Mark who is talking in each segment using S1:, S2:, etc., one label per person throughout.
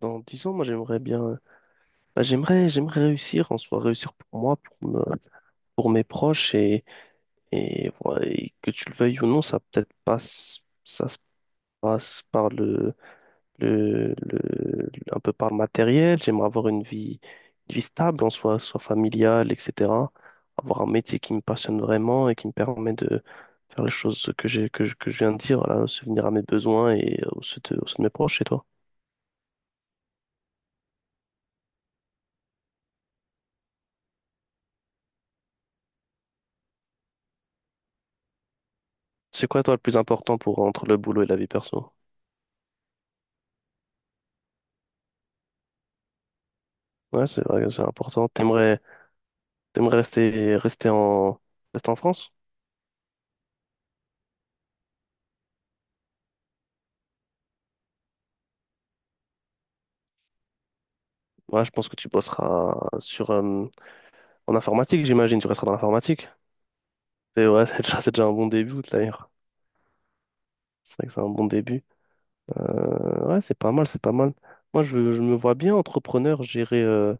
S1: Dans 10 ans, moi, j'aimerais bien, j'aimerais réussir en soi, réussir pour moi, pour mes proches voilà, et que tu le veuilles ou non, ça peut-être passe, ça se passe par le- un peu par le matériel. J'aimerais avoir une vie stable en soi, soit familiale, etc. Avoir un métier qui me passionne vraiment et qui me permet de faire les choses que je viens de dire, voilà, subvenir à mes besoins et aux ceux de mes proches. Et toi? C'est quoi, toi, le plus important pour entre le boulot et la vie perso? Ouais, c'est vrai, que c'est important. T'aimerais rester en France? Ouais, je pense que tu bosseras sur, euh, en informatique, j'imagine. Tu resteras dans l'informatique. C'est ouais, c'est déjà un bon début, d'ailleurs. C'est vrai que c'est un bon début. Ouais, c'est pas mal. Moi, je me vois bien entrepreneur, gérer, euh,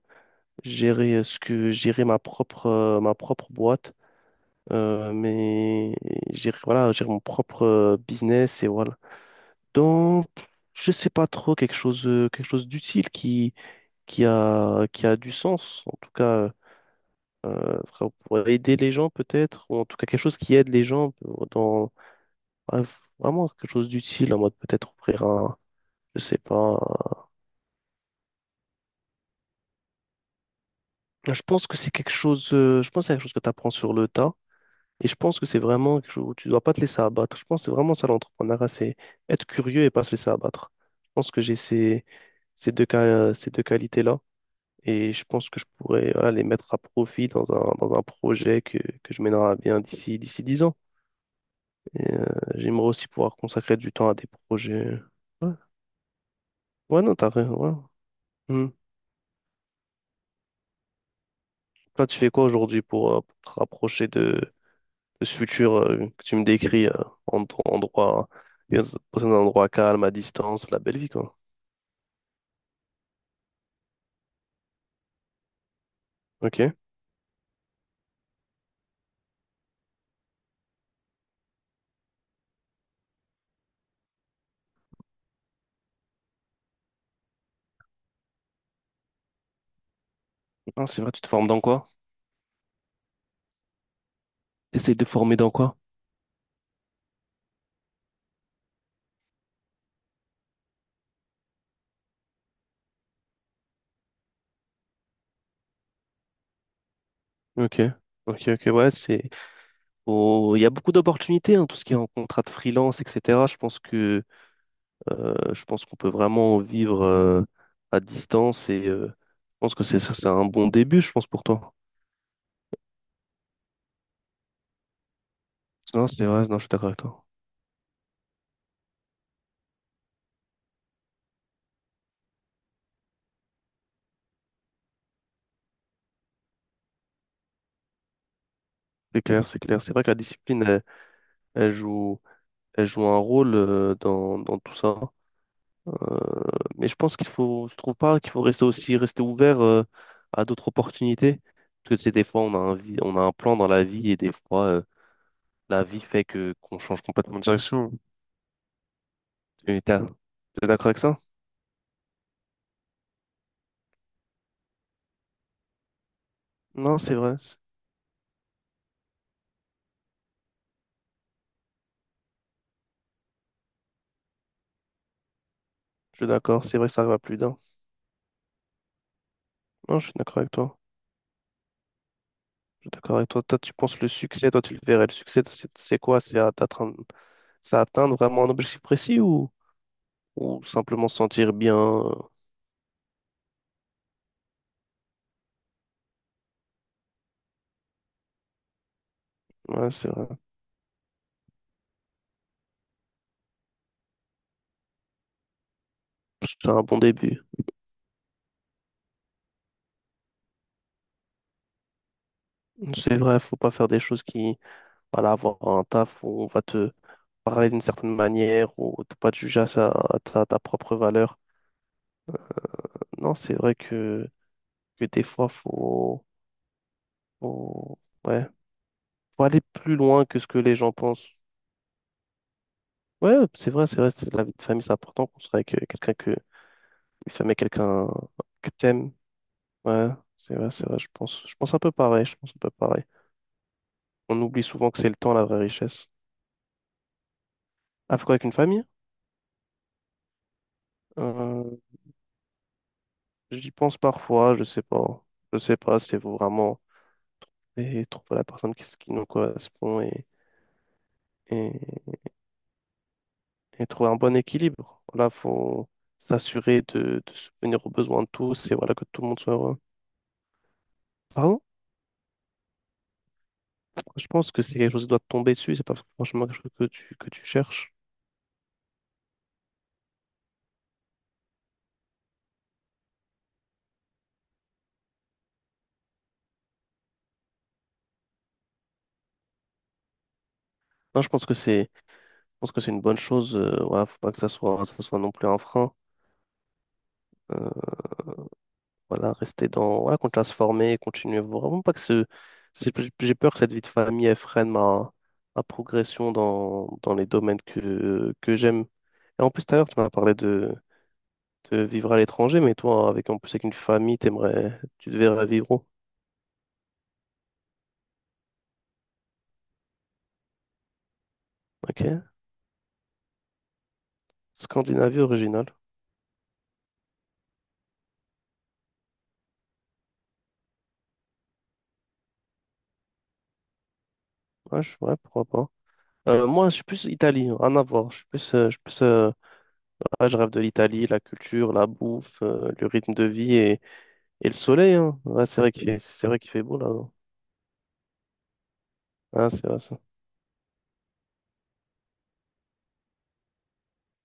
S1: gérer euh, ce que, gérer ma propre boîte, mais gérer, voilà, gérer mon propre business et voilà. Donc, je sais pas trop quelque chose d'utile qui a du sens, en tout cas, pour aider les gens peut-être, ou en tout cas quelque chose qui aide les gens ouais, vraiment quelque chose d'utile, en mode peut-être je sais pas. Je pense que c'est quelque chose, je pense que c'est quelque chose que tu apprends sur le tas, et je pense que c'est vraiment quelque chose où tu dois pas te laisser abattre. Je pense que c'est vraiment ça l'entrepreneuriat, c'est être curieux et pas se laisser abattre. Je pense que j'ai ces deux qualités-là. Et je pense que je pourrais voilà, les mettre à profit dans un projet que je mènerai à bien d'ici 10 ans. Et, j'aimerais aussi pouvoir consacrer du temps à des projets. Ouais, ouais non, t'as rien. Ouais. Hmm. Toi, tu fais quoi aujourd'hui pour te rapprocher de ce futur que tu me décris en ton endroit, bien dans un endroit calme, à distance, la belle vie, quoi. Ok. Ah, c'est vrai, tu te formes dans quoi? Essaye de former dans quoi? Ok. Ok, ok, ouais, c'est Il y a beaucoup d'opportunités, hein, tout ce qui est en contrat de freelance, etc. Je pense que je pense qu'on peut vraiment vivre à distance et je pense que c'est ça, c'est un bon début, je pense, pour toi. Non, c'est vrai, non, je suis d'accord avec toi. C'est clair. C'est vrai que la discipline, elle elle joue un rôle dans tout ça. Euh, mais je pense qu'il faut, je trouve pas qu'il faut rester ouvert à d'autres opportunités. Parce que tu des fois, on a un plan dans la vie et des fois, la vie fait que qu'on change complètement de direction. Et t'as- T'es d'accord avec ça? Non, c'est vrai. Je suis d'accord. C'est vrai que ça arrive à plus d'un. Non, je suis d'accord avec toi. Je suis d'accord avec toi. Toi, tu penses le succès, toi, tu le verrais. Le succès, c'est quoi? C'est à t'atteindre, c'est atteindre vraiment un objectif précis ou simplement se sentir bien? Ouais, c'est vrai. C'est un bon début. C'est vrai, faut pas faire des choses qui voilà, avoir un taf où on va te parler d'une certaine manière, ou te pas te juger à, sa- à ta, ta propre valeur. Non, c'est vrai que des fois, faut, ouais, faut aller plus loin que ce que les gens pensent. Ouais, c'est vrai, c'est la vie de famille, c'est important qu'on soit avec quelqu'un une famille, quelqu'un que t'aimes. Ouais, c'est vrai, je pense un peu pareil, je pense un peu pareil. On oublie souvent que c'est le temps la vraie richesse. Ah, faut quoi avec une famille? Euh, j'y pense parfois, je sais pas. Je sais pas, si c'est vraiment. Et trouver la personne qui nous correspond et, et trouver un bon équilibre. Voilà, faut s'assurer de subvenir aux besoins de tous et voilà que tout le monde soit heureux. Pardon? Je pense que c'est quelque chose qui doit te tomber dessus, c'est pas franchement quelque chose que tu cherches. Non, je pense que c'est une bonne chose. Voilà, faut pas que ça soit non plus un frein. Euh, Voilà, continuer à se former, continuer vraiment pas que ce, j'ai j'ai peur que cette vie de famille, elle freine ma, ma progression dans les domaines que j'aime. Et en plus, tout à l'heure, tu m'as parlé de vivre à l'étranger, mais toi, avec, en plus, avec une famille, tu te verrais vivre où? Ok. Scandinavie originale. Ouais, pourquoi pas. Moi, je suis plus Italie, rien à voir. Je suis plus, ouais, je rêve de l'Italie, la culture, la bouffe, le rythme de vie et le soleil. Hein. Ouais, c'est vrai qu'il fait beau là. Ah, c'est vrai, ça.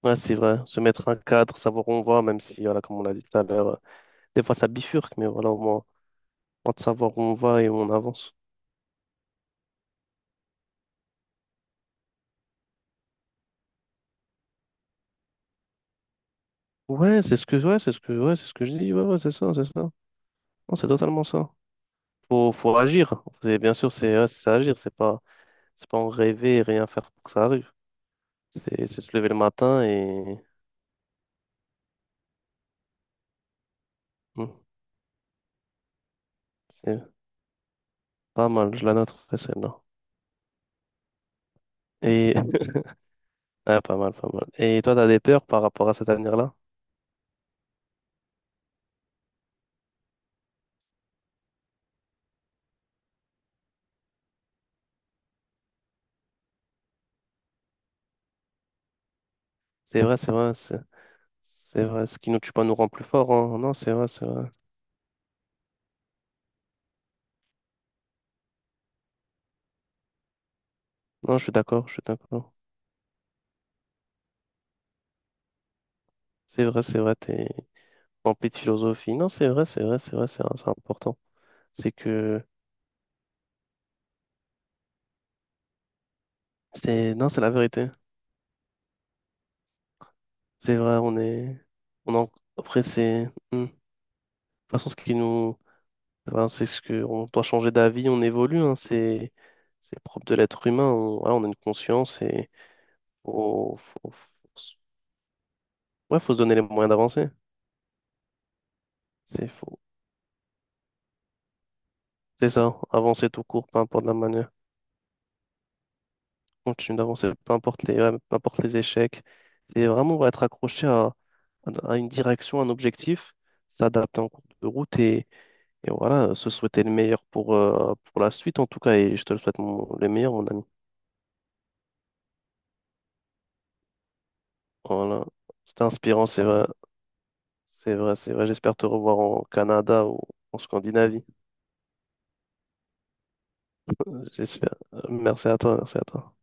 S1: Ouais, c'est vrai. Se mettre un cadre, savoir où on va, même si, voilà, comme on l'a dit tout à l'heure, des fois ça bifurque, mais voilà, au moins, on de savoir où on va et où on avance. Ouais, c'est ce que, ouais, c'est ce que, ouais, c'est ce que je dis. Ouais, ouais, c'est ça. Non, c'est totalement ça. Faut agir. Bien sûr, c'est agir. C'est pas en rêver et rien faire pour que ça arrive. C'est se lever le matin et, Hmm, c'est pas mal. Je la note, ouais, celle-là. Et, Ah, pas mal. Et toi, t'as des peurs par rapport à cet avenir-là? C'est vrai, c'est vrai, c'est c'est vrai. Ce qui nous tue pas nous rend plus forts, hein. Non, c'est vrai. Non, je suis d'accord. C'est vrai, t'es rempli de philosophie. Non, c'est vrai, c'est important. C'est que, non, c'est la vérité. C'est vrai, on est, on en, après, c'est, hmm. De toute façon, ce qui nous, Enfin, c'est ce que on doit changer d'avis, on évolue, hein, c'est le propre de l'être humain. On, voilà, on a une conscience et faut, faut, faut, s- ouais, faut se donner les moyens d'avancer. C'est faut, c'est ça, avancer tout court, peu importe la manière. Continuer d'avancer, peu importe les échecs. C'est vraiment ouais, être accroché à une direction, à un objectif, s'adapter en cours de route et voilà, se souhaiter le meilleur pour la suite en tout cas. Et je te le souhaite le meilleur, mon ami. Voilà, c'était inspirant, c'est vrai. C'est vrai, c'est vrai. J'espère te revoir au Canada ou en Scandinavie. J'espère. Merci à toi, merci à toi.